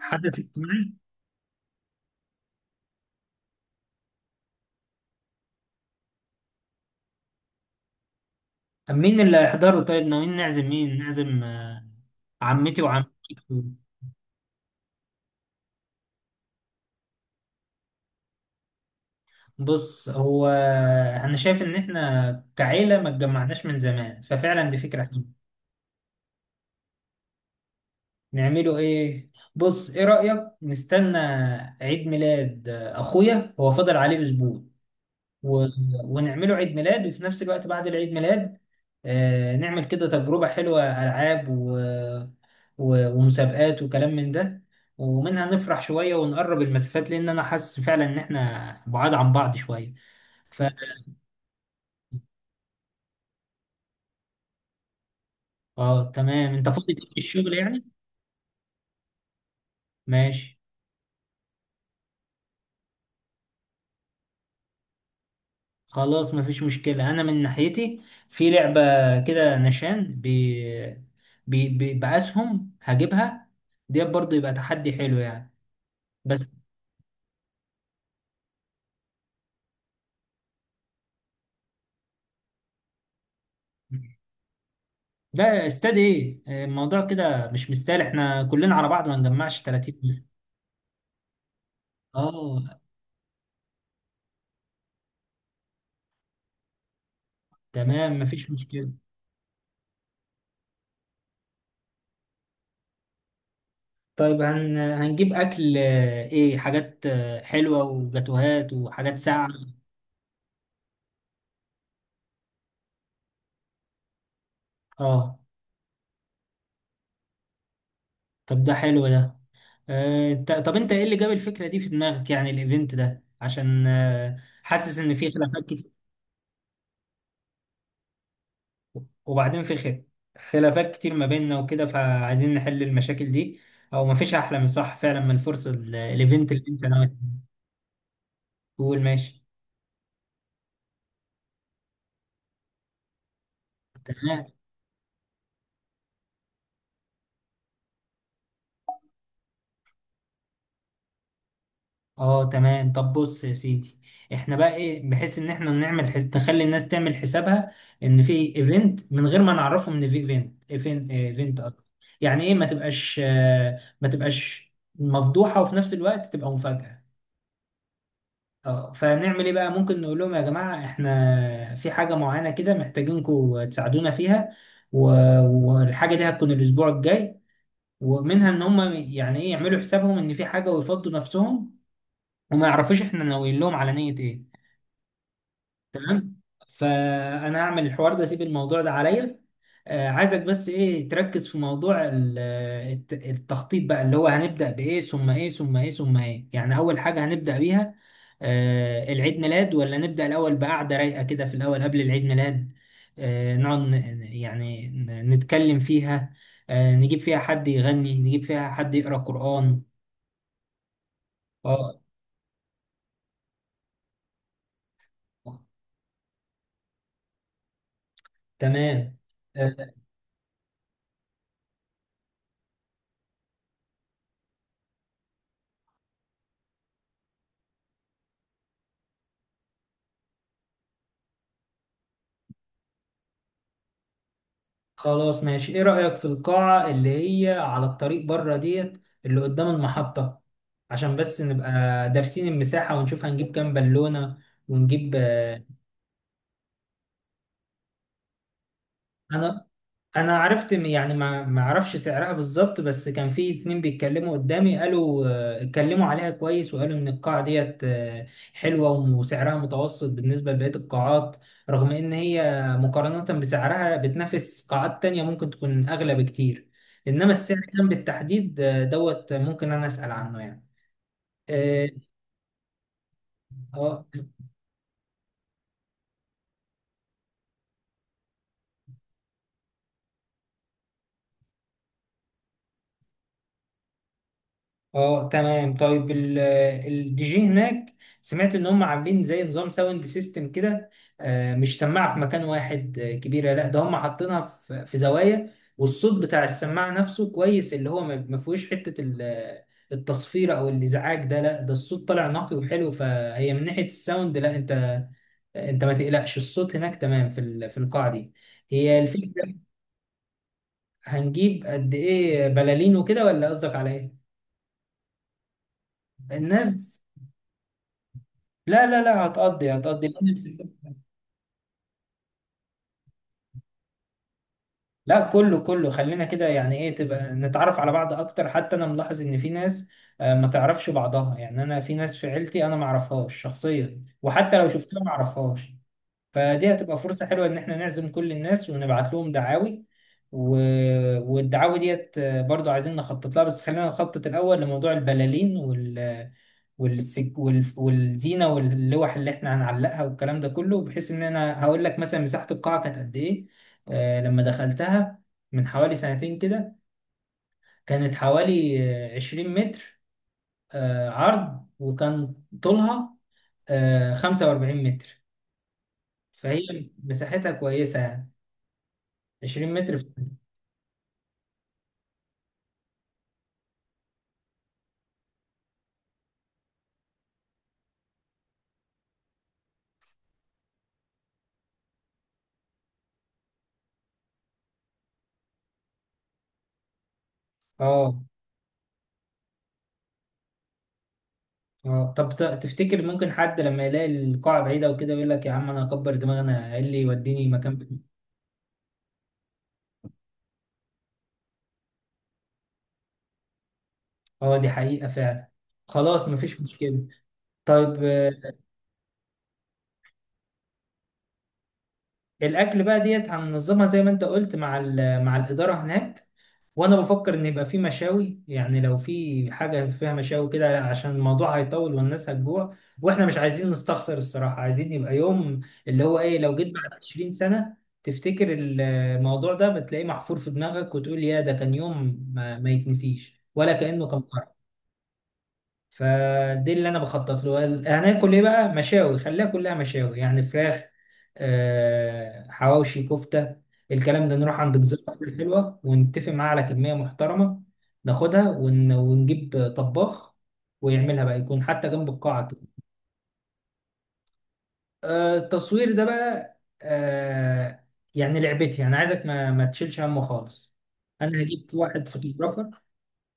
حدث اجتماعي. طب مين اللي هيحضره؟ طيب ناويين نعزم مين؟ نعزم آه، عمتي وعمتك. بص هو انا شايف ان احنا كعيلة ما اتجمعناش من زمان، ففعلا دي فكرة حلوة. نعمله ايه؟ بص، ايه رأيك نستنى عيد ميلاد؟ اخويا هو فاضل عليه اسبوع و... ونعمله عيد ميلاد، وفي نفس الوقت بعد العيد ميلاد نعمل كده تجربة حلوة، ألعاب ومسابقات وكلام من ده، ومنها نفرح شوية ونقرب المسافات لأن أنا حاسس فعلا إن إحنا بعاد عن بعض شوية. ف آه تمام، أنت فاضي في الشغل يعني؟ ماشي. خلاص، مفيش مشكلة أنا من ناحيتي. في لعبة كده نشان بأسهم هجيبها ديت، برضه يبقى تحدي حلو يعني. بس ده استاد ايه؟ الموضوع كده مش مستاهل، احنا كلنا على بعض ما نجمعش 30 جنيه. اه تمام، مفيش مشكله. طيب هنجيب اكل ايه؟ حاجات حلوه وجاتوهات وحاجات ساقعه. اه طب ده حلو ده. طب انت ايه اللي جاب الفكره دي في دماغك؟ يعني الايفنت ده عشان حاسس ان في خلافات كتير. وبعدين في خلافات كتير ما بيننا وكده، فعايزين نحل المشاكل دي. او مفيش احلى من صح، فعلا من الفرصه الايفنت اللي انت ناوي. قول ماشي. تمام، اه تمام. طب بص يا سيدي، احنا بقى ايه بحيث ان احنا نعمل نخلي الناس تعمل حسابها ان في ايفنت، من غير ما نعرفهم ان في ايفنت اصلا. يعني ايه، ما تبقاش مفضوحة، وفي نفس الوقت تبقى مفاجأة. اه، فنعمل ايه بقى؟ ممكن نقول لهم يا جماعة، احنا في حاجة معينة كده محتاجينكم تساعدونا فيها، و... والحاجة دي هتكون الاسبوع الجاي، ومنها ان هم يعني ايه يعملوا حسابهم ان في حاجة ويفضوا نفسهم، وما يعرفوش احنا ناويين لهم على نية ايه. تمام، فانا هعمل الحوار ده، اسيب الموضوع ده عليا. عايزك بس ايه تركز في موضوع التخطيط بقى، اللي هو هنبدأ بايه ثم ايه ثم ايه ثم ايه؟ يعني اول حاجة هنبدأ بيها العيد ميلاد، ولا نبدأ الاول بقعدة رايقة كده في الاول قبل العيد ميلاد؟ نقعد نتكلم فيها، نجيب فيها حد يغني، نجيب فيها حد يقرأ قرآن. اه تمام. آه، خلاص ماشي. ايه رأيك في القاعة اللي هي على الطريق بره ديت اللي قدام المحطة؟ عشان بس نبقى دارسين المساحة، ونشوف هنجيب كام بالونة ونجيب انا انا عرفت يعني ما اعرفش سعرها بالظبط، بس كان في اتنين بيتكلموا قدامي، قالوا اتكلموا عليها كويس، وقالوا ان القاعة ديت حلوة وسعرها متوسط بالنسبة لبقية القاعات. رغم ان هي مقارنة بسعرها بتنافس قاعات تانية ممكن تكون اغلى بكتير، انما السعر كان بالتحديد دوت، ممكن انا اسأل عنه يعني. اه آه، اه تمام. طيب الدي جي هناك، سمعت ان هم عاملين زي نظام ساوند سيستم كده، مش سماعه في مكان واحد كبيره، لا ده هم حاطينها في زوايا، والصوت بتاع السماعه نفسه كويس، اللي هو ما فيهوش حته التصفير او الازعاج ده، لا ده الصوت طالع نقي وحلو. فهي من ناحيه الساوند، لا انت ما تقلقش، الصوت هناك تمام في في القاعه دي. هي الفكره. هنجيب قد ايه بلالين وكده ولا قصدك على ايه؟ الناس. لا لا لا، هتقضي هتقضي لا، كله كله خلينا كده، يعني ايه، تبقى نتعرف على بعض اكتر. حتى انا ملاحظ ان في ناس ما تعرفش بعضها، يعني انا في ناس في عيلتي انا ما اعرفهاش شخصيا، وحتى لو شفتها ما اعرفهاش. فدي هتبقى فرصة حلوة إن إحنا نعزم كل الناس ونبعت لهم دعاوي، و... والدعاوي ديت برضو عايزين نخطط لها، بس خلينا نخطط الأول لموضوع البلالين والزينة واللوح اللي إحنا هنعلقها والكلام ده كله، بحيث إن أنا هقول لك مثلا مساحة القاعة كانت قد إيه. لما دخلتها من حوالي سنتين كده، كانت حوالي 20 متر عرض، وكان طولها 45 متر. فهي مساحتها كويسة يعني، 20 متر اه اه. طب تفتكر ممكن حد لما يلاقي القاعة بعيدة وكده يقول لك يا عم انا هكبر دماغي، انا ايه اللي يوديني مكان بعيد؟ اه دي حقيقة فعلا. خلاص مفيش مشكلة. طيب الاكل بقى ديت هننظمها زي ما انت قلت مع مع الإدارة هناك، وانا بفكر ان يبقى في مشاوي، يعني لو في حاجه فيها مشاوي كده عشان الموضوع هيطول والناس هتجوع، واحنا مش عايزين نستخسر، الصراحه عايزين يبقى يوم اللي هو ايه، لو جيت بعد 20 سنه تفتكر الموضوع ده بتلاقيه محفور في دماغك، وتقول يا ده كان يوم ما يتنسيش ولا كانه كان. فدي اللي انا بخطط له. هناكل ايه بقى؟ مشاوي، خليها كلها مشاوي، يعني فراخ حواوشي، كفته، الكلام ده. نروح عند جزار أكل حلوه ونتفق معاه على كميه محترمه، ناخدها ونجيب طباخ ويعملها بقى، يكون حتى جنب القاعه كده. التصوير ده بقى، آه، يعني لعبتي، انا عايزك ما تشيلش همه خالص. انا هجيب واحد فوتوغرافر.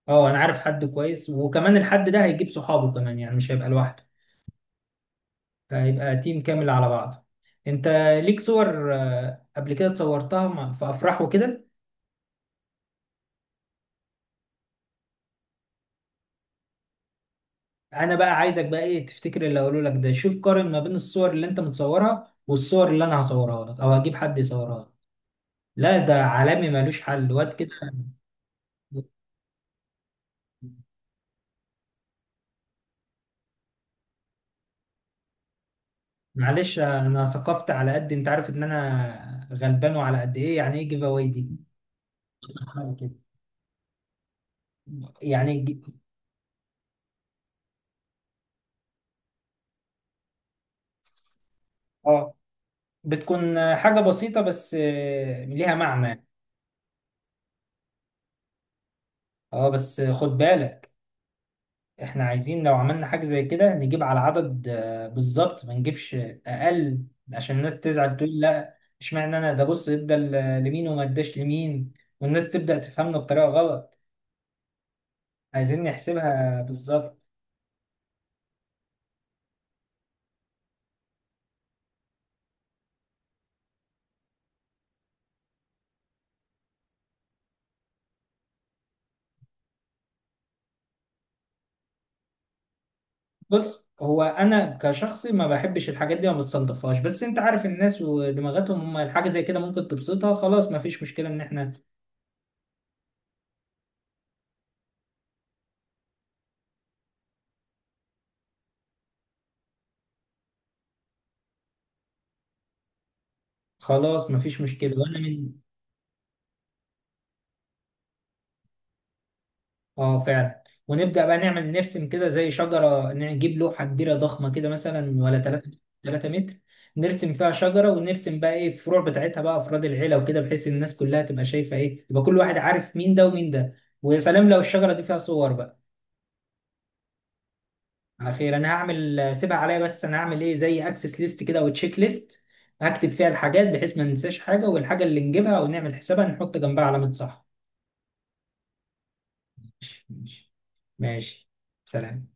اه انا عارف حد كويس، وكمان الحد ده هيجيب صحابه كمان، يعني مش هيبقى لوحده، فهيبقى تيم كامل على بعضه. انت ليك صور قبل كده صورتها في افراح وكده؟ انا بقى عايزك بقى ايه، تفتكر اللي هقوله لك ده، شوف قارن ما بين الصور اللي انت متصورها والصور اللي انا هصورها لك او هجيب حد يصورها لك. لا ده عالمي ملوش حل، واد كده. معلش انا ثقفت على قد، انت عارف ان انا غلبان وعلى قد ايه، يعني ايه جيف اواي دي؟ حاجة كده يعني اه. بتكون حاجة بسيطة بس ليها معنى. اه بس خد بالك، احنا عايزين لو عملنا حاجة زي كده نجيب على عدد بالظبط، ما نجيبش اقل، عشان الناس تزعل تقول لا اشمعنى انا ده؟ بص ادى لمين وما اداش لمين، والناس تبدأ تفهمنا بطريقة غلط. عايزين نحسبها بالظبط. بص هو انا كشخصي ما بحبش الحاجات دي، ما بستلطفهاش، بس انت عارف الناس ودماغاتهم، هم الحاجة زي كده ممكن تبسطها، خلاص ما فيش مشكلة ان احنا. خلاص ما فيش مشكلة وانا من، اه فعلا. ونبدأ بقى نعمل نرسم كده زي شجرة، نجيب لوحة كبيرة ضخمة كده مثلا، ولا 3 متر، نرسم فيها شجرة ونرسم بقى ايه الفروع بتاعتها بقى افراد العيلة وكده، بحيث الناس كلها تبقى شايفة ايه، يبقى كل واحد عارف مين ده ومين ده، ويا سلام لو الشجرة دي فيها صور بقى. على خير. انا هعمل سيبها عليا، بس انا هعمل ايه زي اكسس ليست كده او تشيك ليست، هكتب فيها الحاجات بحيث ما ننساش حاجة، والحاجة اللي نجيبها او نعمل حسابها نحط جنبها علامة صح. ماشي، ماشي، ماشي. سلام.